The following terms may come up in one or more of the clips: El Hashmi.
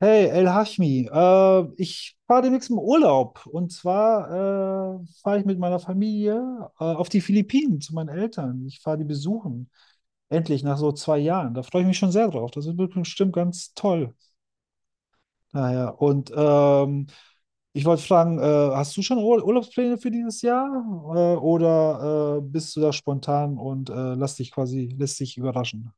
Hey, El Hashmi, ich fahre demnächst im Urlaub. Und zwar fahre ich mit meiner Familie auf die Philippinen zu meinen Eltern. Ich fahre die besuchen. Endlich nach so zwei Jahren. Da freue ich mich schon sehr drauf. Das wird bestimmt ganz toll. Naja, ich wollte fragen, hast du schon Ur Urlaubspläne für dieses Jahr? Oder bist du da spontan und lässt dich überraschen?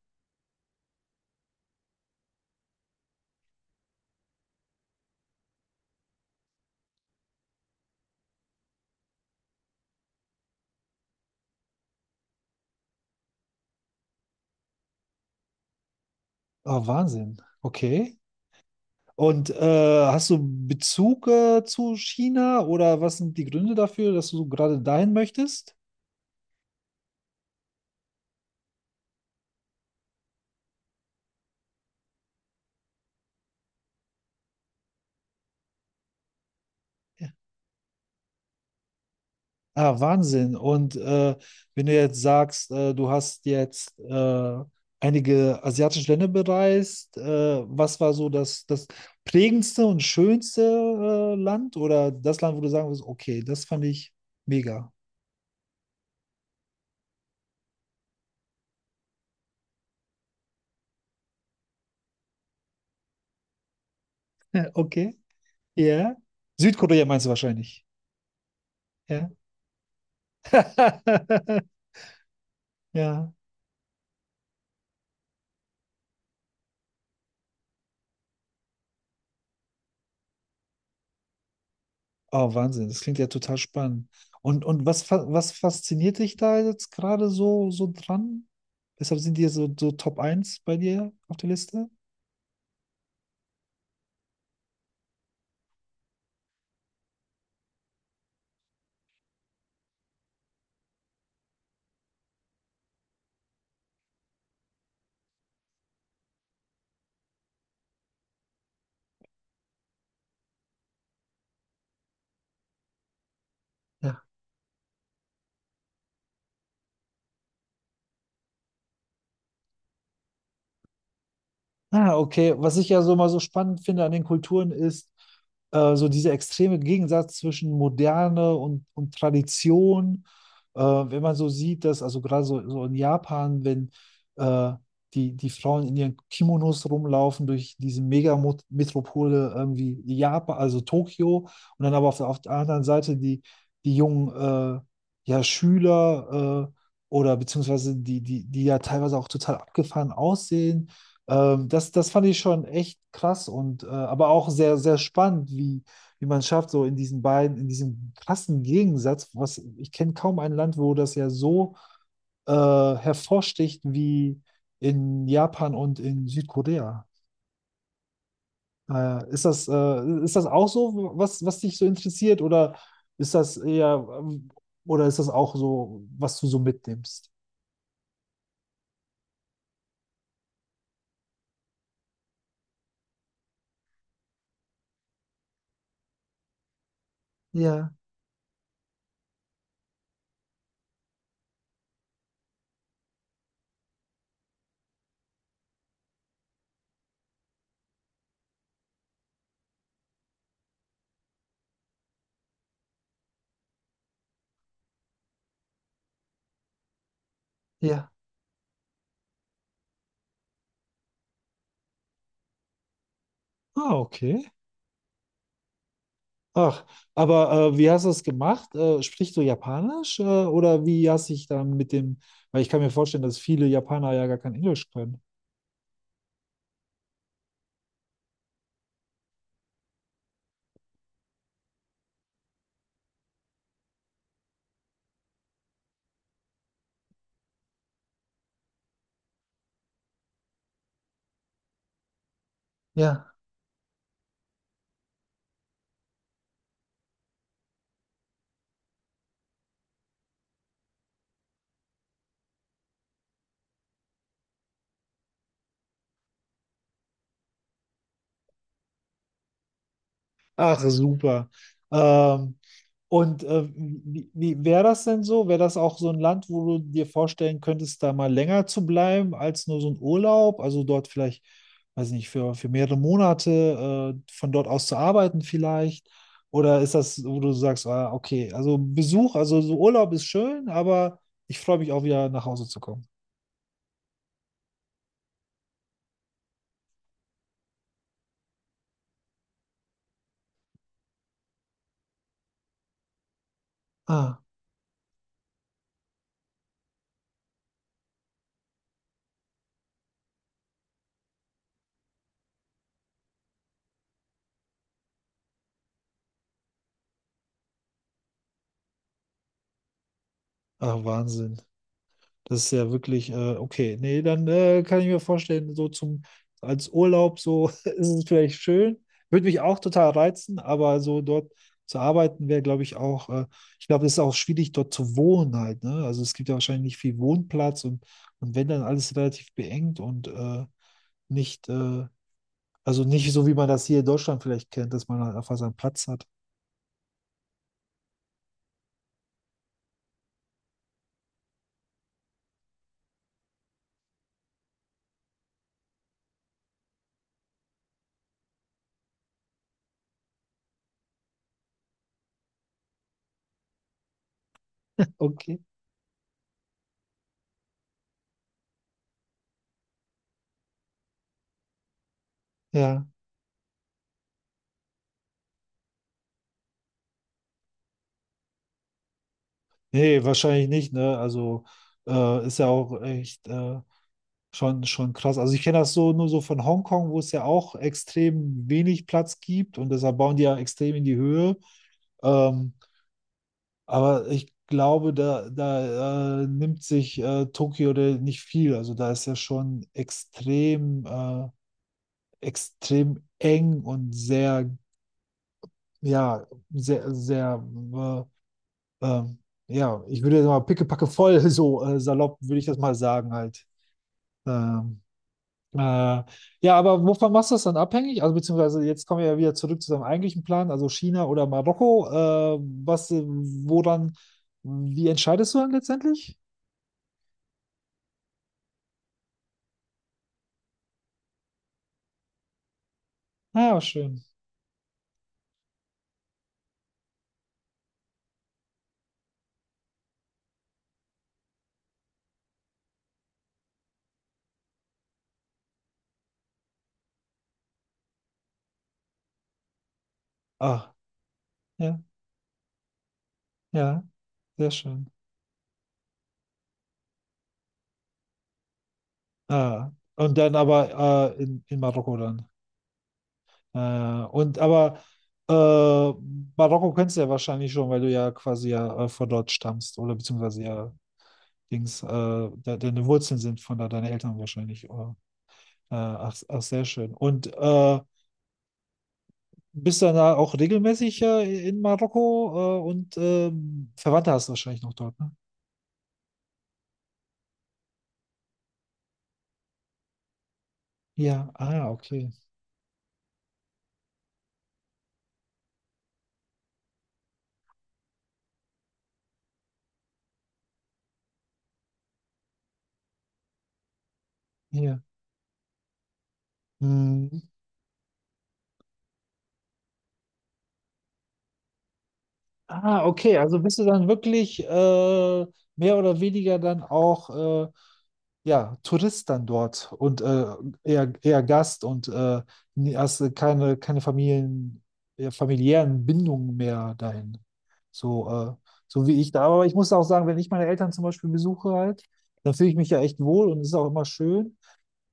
Oh, Wahnsinn. Okay. Und hast du Bezug zu China, oder was sind die Gründe dafür, dass du gerade dahin möchtest? Ja. Ah, Wahnsinn. Und wenn du jetzt sagst, du hast jetzt einige asiatische Länder bereist, was war so das prägendste und schönste Land, oder das Land, wo du sagen würdest, okay, das fand ich mega. Okay, ja. Südkorea meinst du wahrscheinlich. Ja. Ja. Oh, Wahnsinn, das klingt ja total spannend. Und was fasziniert dich da jetzt gerade so dran? Weshalb sind die so Top Eins bei dir auf der Liste? Ah, okay. Was ich ja so mal so spannend finde an den Kulturen ist so dieser extreme Gegensatz zwischen Moderne und Tradition. Wenn man so sieht, dass also gerade so in Japan, wenn äh, die Frauen in ihren Kimonos rumlaufen durch diese Megametropole irgendwie Japan, also Tokio, und dann aber auf der anderen Seite die jungen äh, ja, Schüler oder beziehungsweise die ja teilweise auch total abgefahren aussehen, das fand ich schon echt krass und aber auch sehr, sehr spannend, wie, wie man schafft, so in diesen beiden, in diesem krassen Gegensatz, was ich kenne kaum ein Land, wo das ja so hervorsticht wie in Japan und in Südkorea. Ist das auch so, was dich so interessiert, oder ist das eher, oder ist das auch so, was du so mitnimmst? Ja, ja. Ah, okay. Ach, aber wie hast du es gemacht? Sprichst du Japanisch oder wie hast dich dann mit dem, weil ich kann mir vorstellen, dass viele Japaner ja gar kein Englisch können. Ja. Ach, super. Ähm, und wie wäre das denn so? Wäre das auch so ein Land, wo du dir vorstellen könntest, da mal länger zu bleiben als nur so ein Urlaub? Also dort vielleicht, weiß nicht, für mehrere Monate von dort aus zu arbeiten vielleicht? Oder ist das, wo du sagst, ah, okay, also Besuch, also so Urlaub ist schön, aber ich freue mich auch wieder nach Hause zu kommen. Ah, ah, Wahnsinn. Das ist ja wirklich, okay, nee, dann kann ich mir vorstellen, als Urlaub, so ist es vielleicht schön. Würde mich auch total reizen, aber so dort zu arbeiten wäre, glaube ich, auch, ich glaube, es ist auch schwierig, dort zu wohnen halt, ne? Also es gibt ja wahrscheinlich nicht viel Wohnplatz und wenn dann alles relativ beengt und nicht, also nicht so, wie man das hier in Deutschland vielleicht kennt, dass man halt einfach seinen Platz hat. Okay. Ja. Nee, wahrscheinlich nicht, ne? Also ist ja auch echt. Schon, schon krass. Also ich kenne das so nur so von Hongkong, wo es ja auch extrem wenig Platz gibt und deshalb bauen die ja extrem in die Höhe. Ähm, aber ich glaube, da nimmt sich Tokio da nicht viel. Also da ist ja schon extrem, extrem eng und sehr, ja, sehr, sehr, äh, ähm, ja, ich würde jetzt mal pickepacke voll, so salopp würde ich das mal sagen halt. Ähm, Äh, ja, aber wovon machst du das dann abhängig? Also beziehungsweise jetzt kommen wir ja wieder zurück zu deinem eigentlichen Plan, also China oder Marokko. Äh, was, äh, woran, wie entscheidest du dann letztendlich? Ah, ja, schön. Ah, ja, ja, sehr schön. Ah, und dann aber in Marokko dann. Äh, und aber äh, Marokko kennst du ja wahrscheinlich schon, weil du ja quasi ja von dort stammst oder beziehungsweise ja Dings, de deine Wurzeln sind von da, deine Eltern wahrscheinlich. Ach, ach, sehr schön. Und bist du dann da auch regelmäßig in Marokko Verwandte hast du wahrscheinlich noch dort, ne? Ja, ah, okay. Ja. Hm. Ah, okay. Also bist du dann wirklich mehr oder weniger dann auch äh, ja, Tourist dann dort und eher, eher Gast und hast keine, keine Familien, familiären Bindungen mehr dahin. So, so wie ich da. Aber ich muss auch sagen, wenn ich meine Eltern zum Beispiel besuche halt, dann fühle ich mich ja echt wohl und es ist auch immer schön.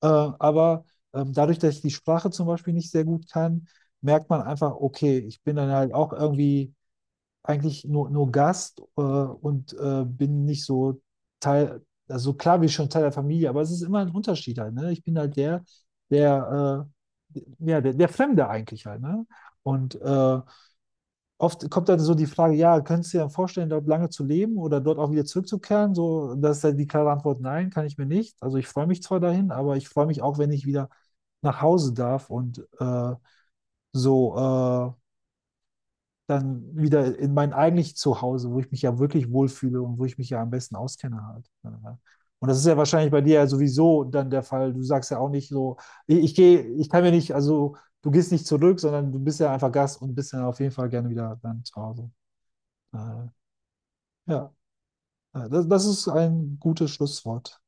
Aber dadurch, dass ich die Sprache zum Beispiel nicht sehr gut kann, merkt man einfach, okay, ich bin dann halt auch irgendwie eigentlich nur Gast bin nicht so Teil, also klar bin ich schon Teil der Familie, aber es ist immer ein Unterschied halt, ne? Ich bin halt der, der Fremde eigentlich halt, ne? Und oft kommt dann so die Frage, ja, könntest du dir dann vorstellen, dort lange zu leben oder dort auch wieder zurückzukehren? So, das ist halt die klare Antwort, nein, kann ich mir nicht. Also ich freue mich zwar dahin, aber ich freue mich auch, wenn ich wieder nach Hause darf und so äh, dann wieder in mein eigentlich Zuhause, wo ich mich ja wirklich wohlfühle und wo ich mich ja am besten auskenne halt. Ja. Und das ist ja wahrscheinlich bei dir ja sowieso dann der Fall. Du sagst ja auch nicht so, ich gehe, ich kann mir nicht, also du gehst nicht zurück, sondern du bist ja einfach Gast und bist ja auf jeden Fall gerne wieder dann zu Hause. Äh, ja, das ist ein gutes Schlusswort.